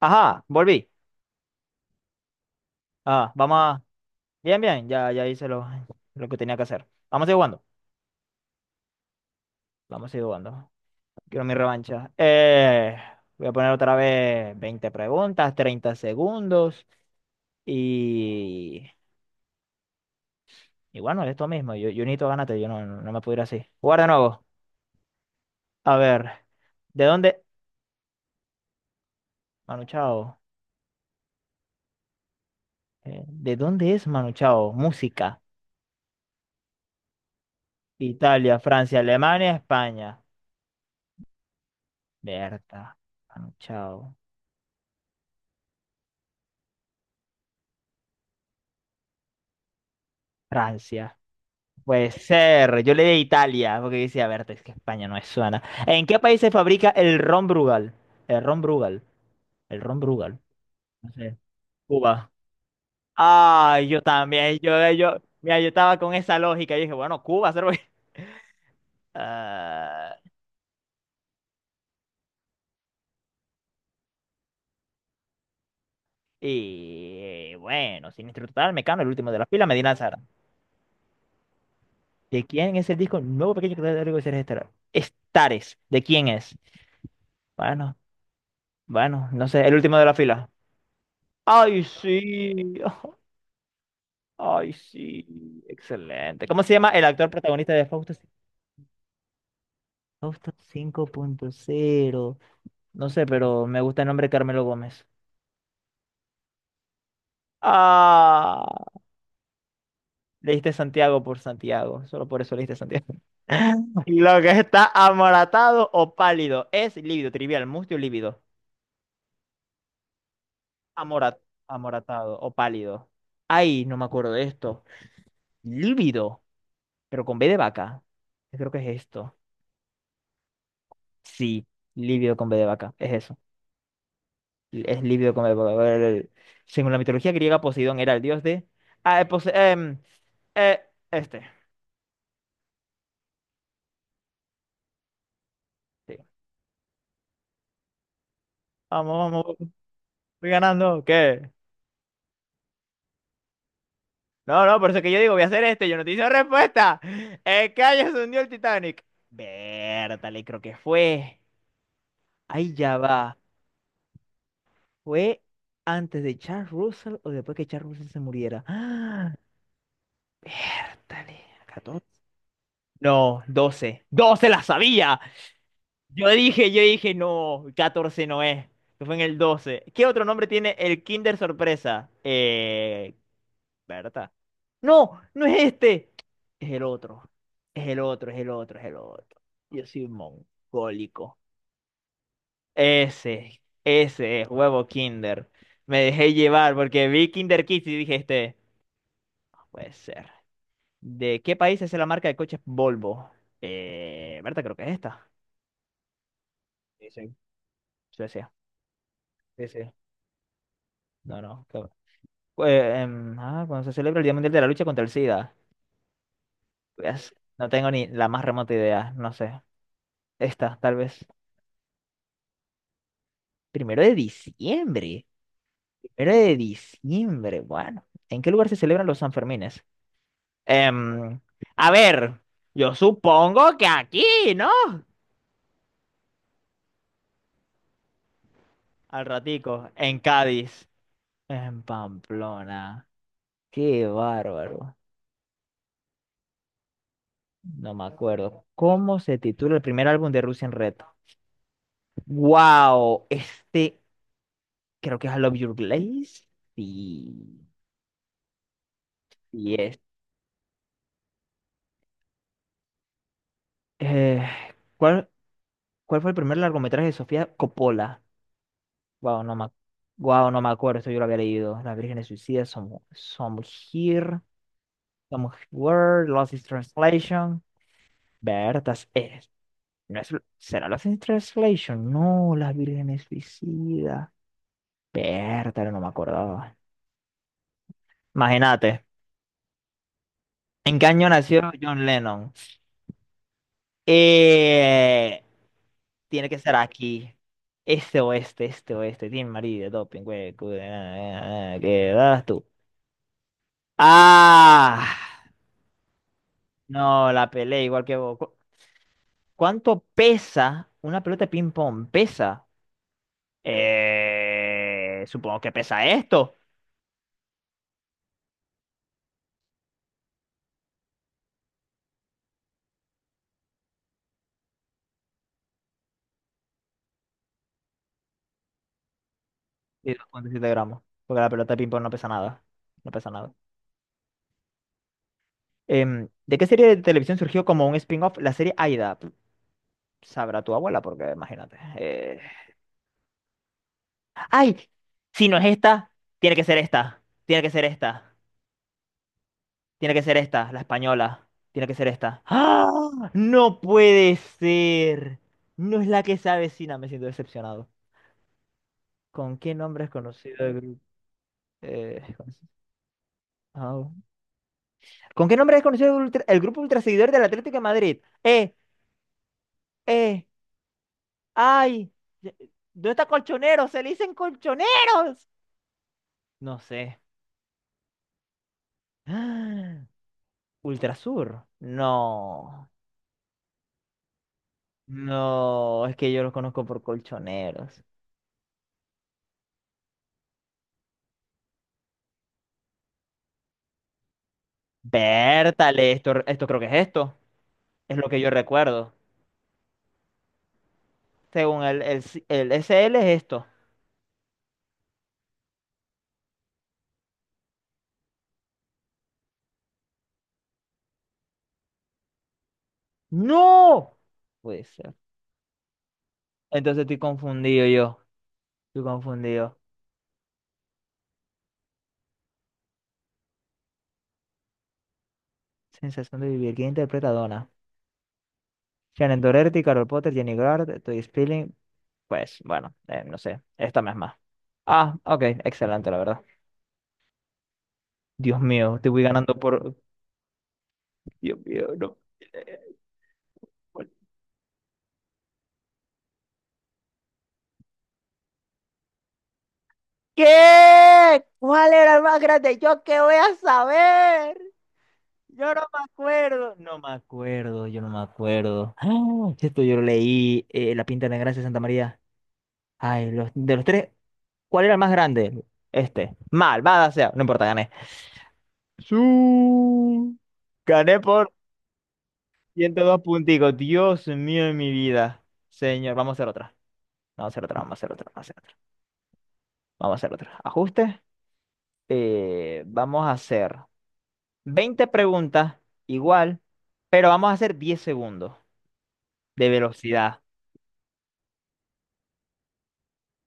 Ajá, volví. Ah, vamos a... Bien, bien, ya, ya hice lo que tenía que hacer. Vamos a ir jugando. Vamos a ir jugando. Quiero mi revancha. Voy a poner otra vez 20 preguntas, 30 segundos y... Y bueno, esto mismo. Yo necesito ganarte, yo no, no me puedo ir así. Jugar de nuevo. A ver, ¿de dónde? Manu Chao. ¿De dónde es Manu Chao? Música. Italia, Francia, Alemania, España. Berta. Manu Chao. Francia. Puede ser, yo le di Italia, porque yo decía, a ver, es que España no es suena. ¿En qué país se fabrica el ron Brugal? El ron Brugal, el ron Brugal, no sé, Cuba. Ah, yo también, mira, yo estaba con esa lógica, y dije, bueno, Cuba, ser Ah, y bueno, Siniestro Total, Mecano, el último de la fila, Medina Zara. ¿De quién es el disco Nuevo Pequeño Catálogo de Seres Estelares? Estares, ¿de quién es? Bueno, bueno, no sé, el último de la fila. Ay, sí. Ay, sí, excelente. ¿Cómo se llama el actor protagonista de Fausto 5.0? No sé, pero me gusta el nombre Carmelo Gómez. Ah, leíste Santiago por Santiago, solo por eso leíste Santiago. Lo que está amoratado o pálido es lívido, trivial, mustio, lívido. Amora- amoratado o pálido. Ay, no me acuerdo de esto. Lívido, pero con B de vaca. Yo creo que es esto. Sí, lívido con B de vaca, es eso. Es lívido como el polvo. Según la mitología griega, Poseidón era el dios de. Ah, eh, Pose- em, eh, este. Sí. Vamos, vamos, voy ganando. ¿Qué? No, no, por eso que yo digo, voy a hacer este. Yo no te hice respuesta. El callo se hundió el Titanic. Vértale, creo que fue. Ahí ya va. ¿Fue antes de Charles Russell o después que Charles Russell se muriera? ¡Ah! Vértale. 14. ¡No, 12 12 la sabía! Yo dije, no, 14 no es. Esto fue en el 12. ¿Qué otro nombre tiene el Kinder Sorpresa? Berta. No, no es este. Es el otro. Es el otro, es el otro, es el otro. Yo soy mongólico. Ese es huevo Kinder. Me dejé llevar porque vi Kinder Kids y dije, este, no puede ser. ¿De qué país es la marca de coches Volvo? Berta, creo que es esta. Sí, sí, Suecia. Sí, sí. No, no. Cuando se celebra el Día Mundial de la Lucha contra el SIDA. Pues, no tengo ni la más remota idea, no sé. Esta, tal vez. Primero de diciembre. Primero de diciembre, bueno. ¿En qué lugar se celebran los Sanfermines? Em, a ver, yo supongo que aquí, ¿no? Al ratico, en Cádiz, en Pamplona. Qué bárbaro. No me acuerdo. ¿Cómo se titula el primer álbum de Russian Red? ¡Wow! Este creo que es I Love Your Glaze. Y, y es. eh, ¿cuál, cuál fue el primer largometraje de Sofía Coppola? Wow, guau no me acuerdo, esto yo lo había leído. Las Vírgenes Suicidas, Some Here, Some Where, Lost in Translation. Bertas, eres. No es, ¿será Lost in Translation? No, Las Vírgenes Suicidas. Bertas, no me acordaba. Imagínate. ¿En qué año nació John Lennon? Eh, Tiene que ser aquí. Este oeste, este oeste. Team marido, doping, güey. ¿Qué das tú? ¡Ah! No, la pelea igual que vos. ¿Cuánto pesa una pelota de ping-pong? ¿Pesa? Supongo que pesa esto. Sí, 2.7 gramos. Porque la pelota de ping-pong no pesa nada. No pesa nada. ¿De qué serie de televisión surgió como un spin-off la serie Aida? Sabrá tu abuela, porque imagínate. Ay, si no es esta, tiene que ser esta. Tiene que ser esta. Tiene que ser esta, la española. Tiene que ser esta. ¡Ah! No puede ser. No es la que se avecina, me siento decepcionado. ¿Con qué nombre es conocido el grupo? Eh, au. ¿Con qué nombre es conocido el grupo ultraseguidor del Atlético de Madrid? Eh, ay. ¿Dónde está colchoneros? Se le dicen colchoneros. No sé. Ultrasur. No. No, es que yo los conozco por colchoneros. Vértale, esto creo que es esto. Es lo que yo recuerdo. Según el SL es esto. ¡No! Puede ser. Entonces estoy confundido yo. Estoy confundido. Sensación de vivir. ¿Quién interpreta a Donna? Shannon Doherty, Carol Potter, Jenny Garth, Todd Spilling. Pues bueno, no sé. Esta misma. Ah, ok. Excelente, la verdad. Dios mío, te voy ganando por... Dios mío, no. ¿Qué? ¿Cuál era el más grande? ¿Yo qué voy a saber? Yo no me acuerdo. No me acuerdo, yo no me acuerdo. Ah, sí, esto yo lo leí, La Pinta de la Gracia de Santa María. Ay, de los tres, ¿cuál era el más grande? Este. Malvada sea. No importa, gané. Su. Gané por 102 punticos. Dios mío de mi vida. Señor, vamos a hacer otra. Vamos a hacer otra, vamos a hacer otra, vamos a hacer otra. Vamos a hacer otra. Ajuste. Vamos a hacer. 20 preguntas, igual, pero vamos a hacer 10 segundos de velocidad.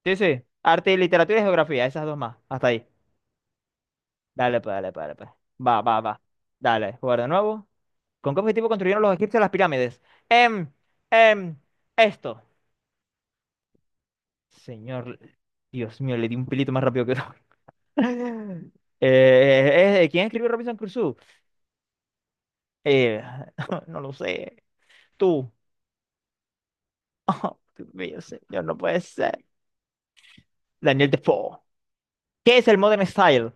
Sí, sí. Arte y literatura y geografía, esas dos más. Hasta ahí. Dale, pues, dale, pues, dale, pues. Va, va, va. Dale, jugar de nuevo. ¿Con qué objetivo construyeron los egipcios las pirámides? Em, em, esto. Señor, Dios mío, le di un pelito más rápido que todo. ¿Quién escribió Robinson Crusoe? Eh, no lo sé. Tú. Oh, Dios mío, señor, no puede ser. Daniel Defoe. ¿Qué es el Modern Style?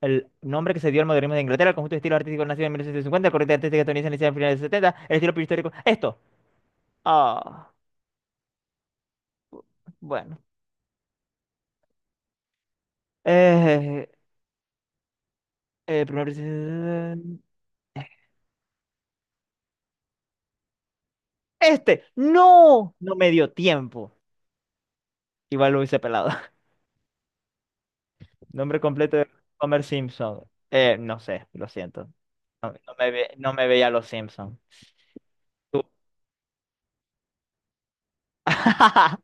El nombre que se dio al modernismo de Inglaterra, el conjunto de estilos artísticos nacido en 1950, el corriente artística estadounidense iniciada en finales de los setenta, el estilo prehistórico. Esto. Ah, bueno. Eh, eh, primer presidente- Este. ¡No! No me dio tiempo. Igual lo hice pelado. Nombre completo de Homer Simpson. No sé, lo siento. No, no me veía los Simpson. Tú.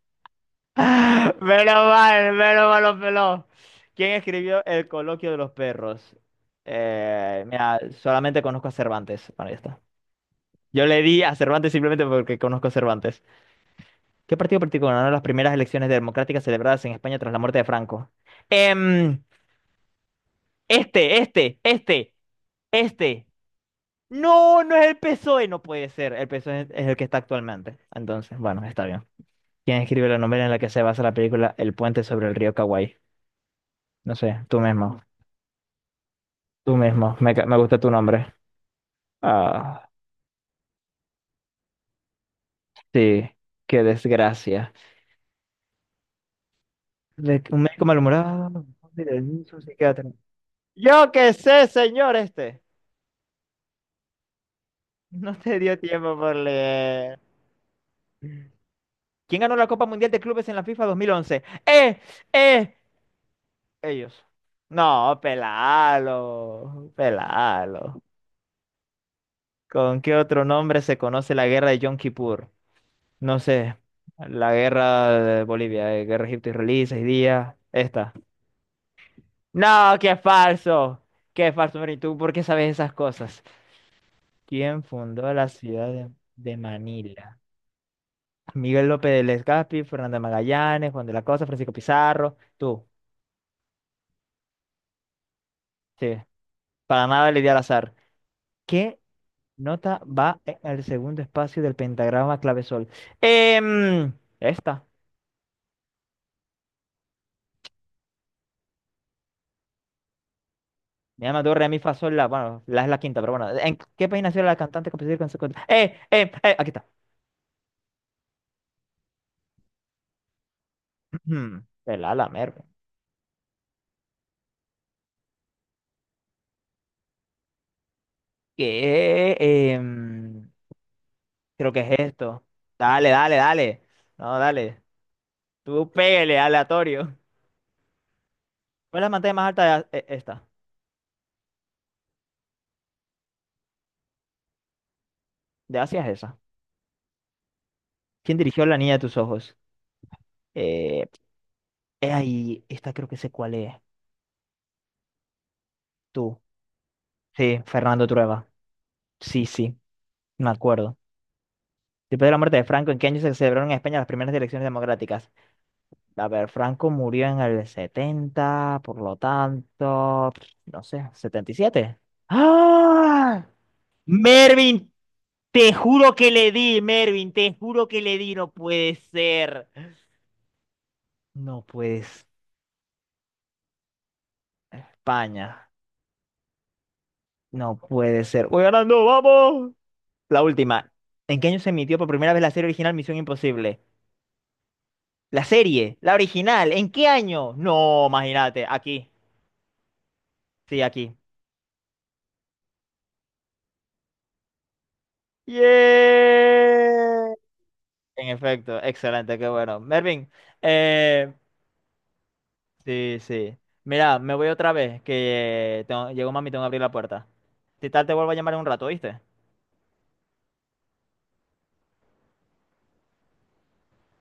Menos mal los peló. ¿Quién escribió El coloquio de los perros? Mira, solamente conozco a Cervantes. Bueno, ya está. Yo le di a Cervantes simplemente porque conozco a Cervantes. ¿Qué partido político ganó las primeras elecciones democráticas celebradas en España tras la muerte de Franco? Em, este, este, este, este. No, no es el PSOE. No puede ser. El PSOE es el que está actualmente. Entonces, bueno, está bien. ¿Quién escribe la novela en la que se basa la película El puente sobre el río Kawaii? No sé, tú mismo, me gusta tu nombre. Ah, sí, qué desgracia. Un médico malhumorado, un psiquiatra. Yo qué sé, señor este. No te dio tiempo por leer. ¿Quién ganó la Copa Mundial de Clubes en la FIFA 2011? ¡Eh! Ellos. No, pelalo, pelalo. ¿Con qué otro nombre se conoce la guerra de Yom Kippur? No sé, la guerra de Bolivia, guerra egipto-israelí, seis días, esta. No, qué falso, Mary, ¿tú por qué sabes esas cosas? ¿Quién fundó la ciudad de Manila? Miguel López del Escapi, Fernando de Magallanes, Juan de la Cosa, Francisco Pizarro, tú, sí, para nada le di al azar. ¿Qué nota va en el segundo espacio del pentagrama clave sol? Em, esta. Mi ama, do, re, mi, fa, sol, la. Bueno, la es la quinta, pero bueno. ¿En qué país nació la cantante, compositora y consecuente? Aquí está. El ala, merve. ¿Qué? Creo que es esto. Dale, dale, dale. No, dale. Tú pégale, aleatorio. ¿Cuál es la pantalla más alta de esta? De Asia es esa. ¿Quién dirigió La Niña de tus Ojos? Eh, ahí, esta creo que sé cuál es. Tú. Sí, Fernando Trueba. Sí, sí, me acuerdo. Después de la muerte de Franco, ¿en qué año se celebraron en España las primeras elecciones democráticas? A ver, Franco murió en el 70 por lo tanto, no sé, setenta y siete. ¡Ah! Mervin, te juro que le di, Mervin, te juro que le di, no puede ser. No puede ser. España, no puede ser. Voy ganando, vamos. La última. ¿En qué año se emitió por primera vez la serie original Misión Imposible? La serie, la original, ¿en qué año? No, imagínate, aquí. Sí, aquí. ¡Yeah! En efecto, excelente, qué bueno. Mervin, eh, sí, sí. Mira, me voy otra vez, que llegó mami, tengo que abrir la puerta. Si tal, te vuelvo a llamar en un rato, ¿viste?